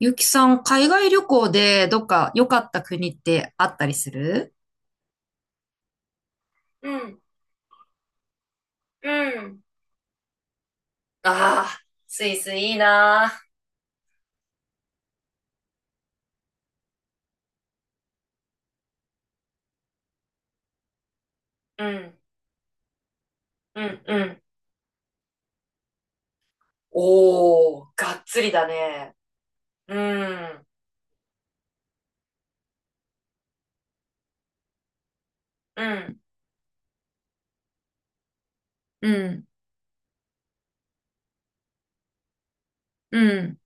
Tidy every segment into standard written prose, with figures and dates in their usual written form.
ゆきさん、海外旅行でどっか良かった国ってあったりする？うん、うん。ああ、スイスいいなー。うん、うん、うん。おー、がっつりだね。うん、うん。うん、うん、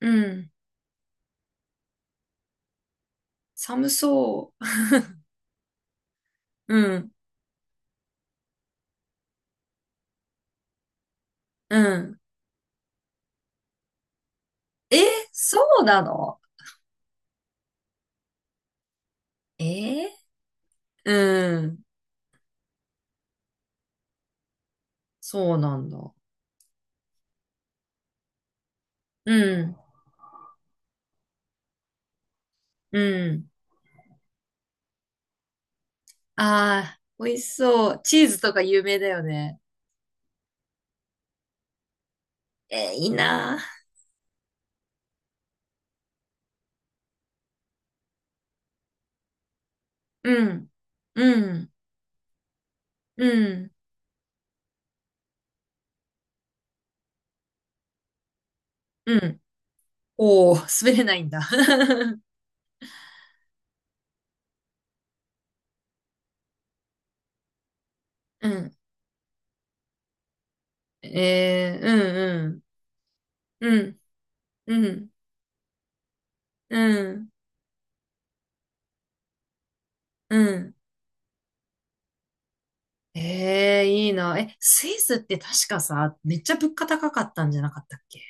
うん。寒そう。うん、うん。え、そうなの？えうん、そうなんだ。うん、うん。ああ、美味しそう。チーズとか有名だよね。えーいいなあ。うん。うん。うん。うん。おー、滑れないんだ。うん。えー、うんうん。うん。うん。うん。うん。えー、いいな。え、スイスって確かさ、めっちゃ物価高かったんじゃなかったっけ？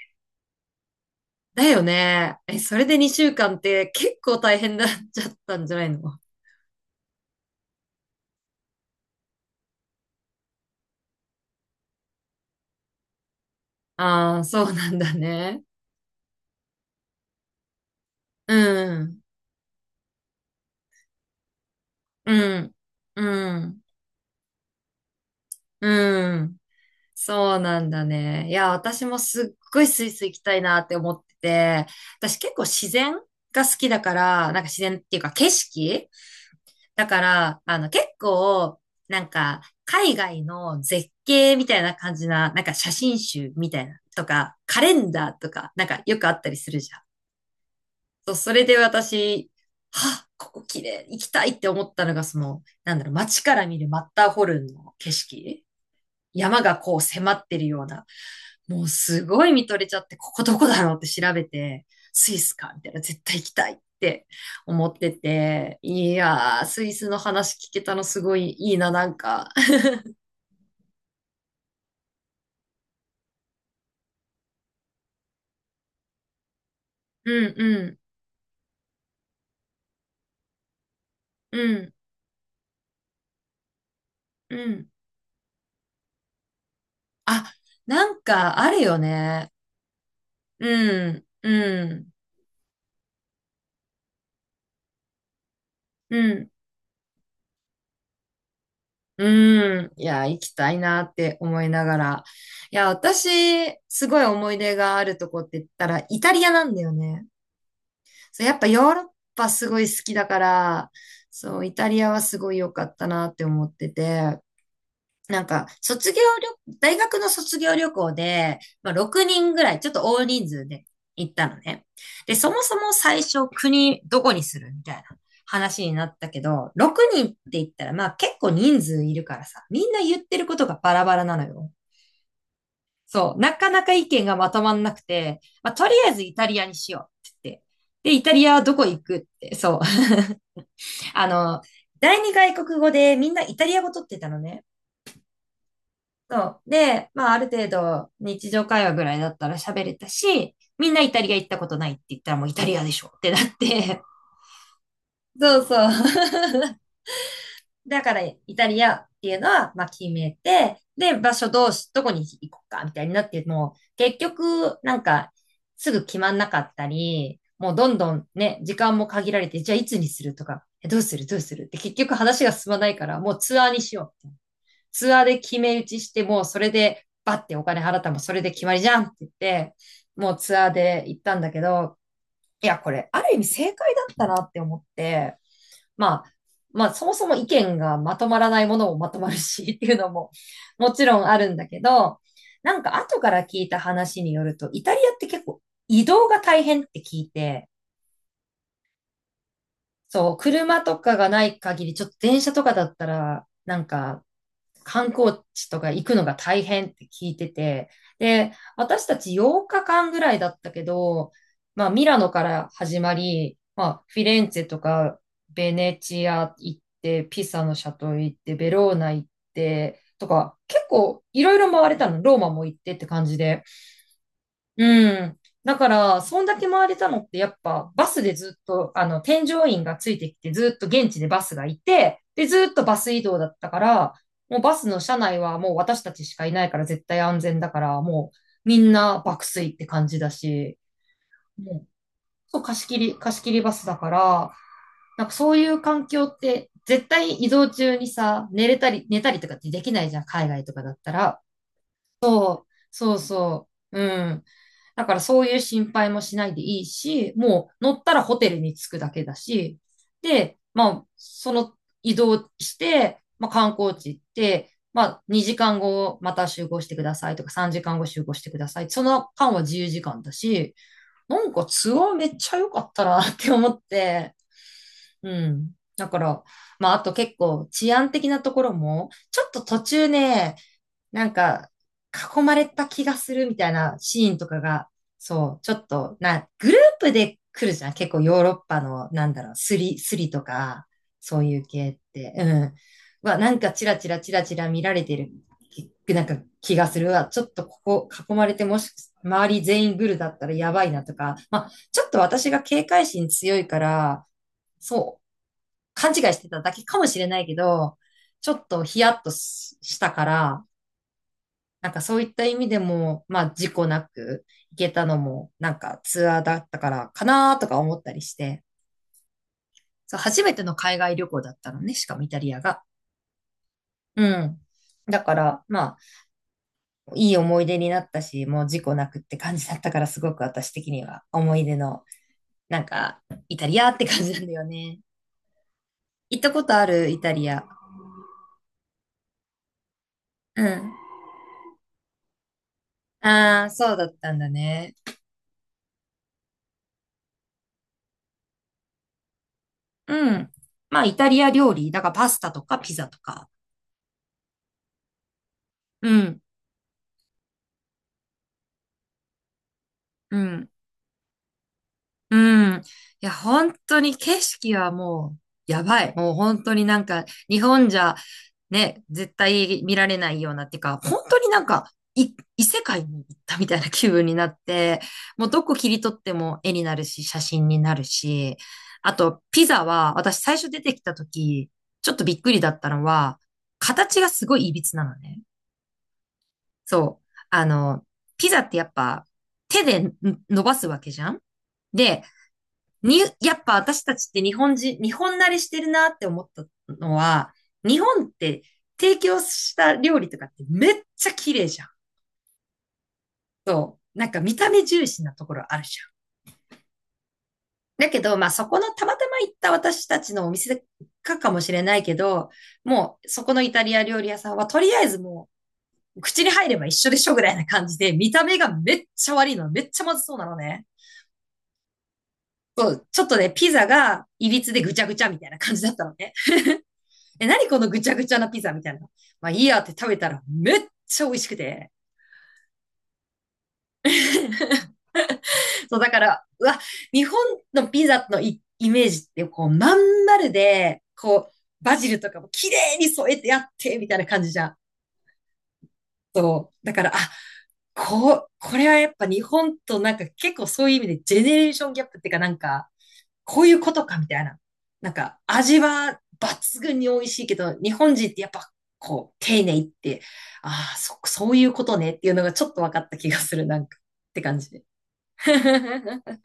だよね。え、それで2週間って結構大変だっちゃったんじゃないの？ああー、そうなんだね。うん。うん。うん。うん。そうなんだね。いや、私もすっごいスイス行きたいなって思ってて、私結構自然が好きだから、自然っていうか景色だから、あの結構、海外の絶景みたいな感じな、写真集みたいなとか、カレンダーとか、なんかよくあったりするじゃん。そう、それで私、はあ、ここ綺麗、行きたいって思ったのが、その、なんだろう、街から見るマッターホルンの景色。山がこう迫ってるような、もうすごい見とれちゃって、ここどこだろうって調べて、スイスかみたいな、絶対行きたいって思ってて、いやー、スイスの話聞けたのすごいいいな、なんか。うんうん、うん、うん。あ、なんかあるよね。うん、うん、うん、うん。いや、行きたいなって思いながら。いや、私、すごい思い出があるとこって言ったら、イタリアなんだよね。そう、やっぱヨーロッパすごい好きだから、そう、イタリアはすごい良かったなって思ってて、卒業旅、大学の卒業旅行で、まあ、6人ぐらい、ちょっと大人数で行ったのね。で、そもそも最初国どこにするみたいな話になったけど、6人って言ったら、まあ結構人数いるからさ、みんな言ってることがバラバラなのよ。そう、なかなか意見がまとまんなくて、まあとりあえずイタリアにしようって言って。で、イタリアはどこ行くって、そう、あの、第二外国語でみんなイタリア語取ってたのね。そう。で、まあある程度日常会話ぐらいだったら喋れたし、みんなイタリア行ったことないって言ったらもうイタリアでしょってなって。そうそう。だからイタリアっていうのは、まあ決めて、で、場所どうし、どこに行こうかみたいになって、もう結局すぐ決まんなかったり、もうどんどんね、時間も限られて、じゃあいつにするとか、えどうするどうするって結局話が進まないから、もうツアーにしよう、ツアーで決め打ちしてもうそれでバッてお金払ったらもうそれで決まりじゃんって言って、もうツアーで行ったんだけど、いや、これある意味正解だったなって思って、まあ、まあそもそも意見がまとまらないものもまとまるしっていうのももちろんあるんだけど、なんか後から聞いた話によると、イタリアって結構移動が大変って聞いて、そう、車とかがない限り、ちょっと電車とかだったら、観光地とか行くのが大変って聞いてて、で、私たち8日間ぐらいだったけど、まあ、ミラノから始まり、まあ、フィレンツェとか、ベネチア行って、ピサのシャトル行って、ベローナ行って、とか、結構いろいろ回れたの、ローマも行ってって感じで。うん。だから、そんだけ回れたのって、やっぱ、バスでずっと、あの、添乗員がついてきて、ずっと現地でバスがいて、で、ずっとバス移動だったから、もうバスの車内はもう私たちしかいないから絶対安全だから、もうみんな爆睡って感じだし、もう、そう、貸し切り、貸し切りバスだから、なんかそういう環境って、絶対移動中にさ、寝れたり、寝たりとかってできないじゃん、海外とかだったら。そうそう。うん。だからそういう心配もしないでいいし、もう乗ったらホテルに着くだけだし、で、まあ、その移動して、まあ観光地行って、まあ2時間後また集合してくださいとか3時間後集合してください。その間は自由時間だし、なんかツアーめっちゃ良かったなって思って、うん。だから、まああと結構治安的なところも、ちょっと途中ね、なんか、囲まれた気がするみたいなシーンとかが、そう、ちょっと、な、グループで来るじゃん。結構ヨーロッパの、なんだろう、スリ、スリとか、そういう系って、うん。は、なんかチラチラチラチラ見られてる、きなんか気がするわ。ちょっとここ囲まれて、もし、周り全員グルだったらやばいなとか、まあ、ちょっと私が警戒心強いから、そう、勘違いしてただけかもしれないけど、ちょっとヒヤッとししたから、なんかそういった意味でも、まあ事故なく行けたのも、なんかツアーだったからかなとか思ったりして、そう、初めての海外旅行だったのね、しかもイタリアが。うん。だから、まあ、いい思い出になったし、もう事故なくって感じだったから、すごく私的には思い出の、なんか、イタリアって感じなんだよね。行ったことあるイタリア。うん。ああ、そうだったんだね。うん。まあ、イタリア料理、だからパスタとかピザとか。うん。うん。うん。いや、本当に景色はもう、やばい。もう本当に、日本じゃ、ね、絶対見られないようなっていうか、本当に、い異世界に行ったみたいな気分になって、もうどこ切り取っても絵になるし、写真になるし、あと、ピザは、私最初出てきた時、ちょっとびっくりだったのは、形がすごい歪なのね。そう。あの、ピザってやっぱ、手でん伸ばすわけじゃんに、やっぱ私たちって日本人、日本慣れしてるなって思ったのは、日本って提供した料理とかってめっちゃ綺麗じゃん。そう。なんか見た目重視なところあるじゃん。だけど、まあそこのたまたま行った私たちのお店かかもしれないけど、もうそこのイタリア料理屋さんはとりあえずもう口に入れば一緒でしょぐらいな感じで、見た目がめっちゃ悪いの、めっちゃまずそうなのね。そう、ちょっとね、ピザがいびつでぐちゃぐちゃみたいな感じだったのね。え、何このぐちゃぐちゃなピザみたいな。まあいいやって食べたらめっちゃ美味しくて。そう、だから、うわ、日本のピザのイ、イメージってこうまん丸で、こう、バジルとかも綺麗に添えてやって、みたいな感じじゃん。そう。だから、あ、こう、これはやっぱ日本と結構そういう意味でジェネレーションギャップっていうか、こういうことかみたいな。なんか味は抜群に美味しいけど、日本人ってやっぱこう丁寧って、ああ、そ、そういうことねっていうのがちょっと分かった気がする、なんかって感じで。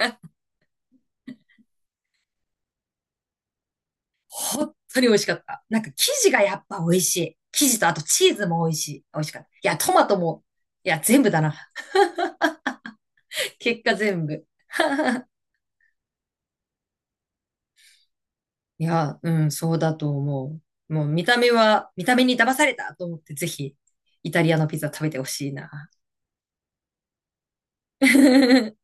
本当に美味しかった。なんか生地がやっぱ美味しい。生地とあとチーズも美味しい。美味しかった。いや、トマトも、いや、全部だな。結果全部。いや、うん、そうだと思う。もう見た目は、見た目に騙されたと思って、ぜひ、イタリアのピザ食べてほしいな。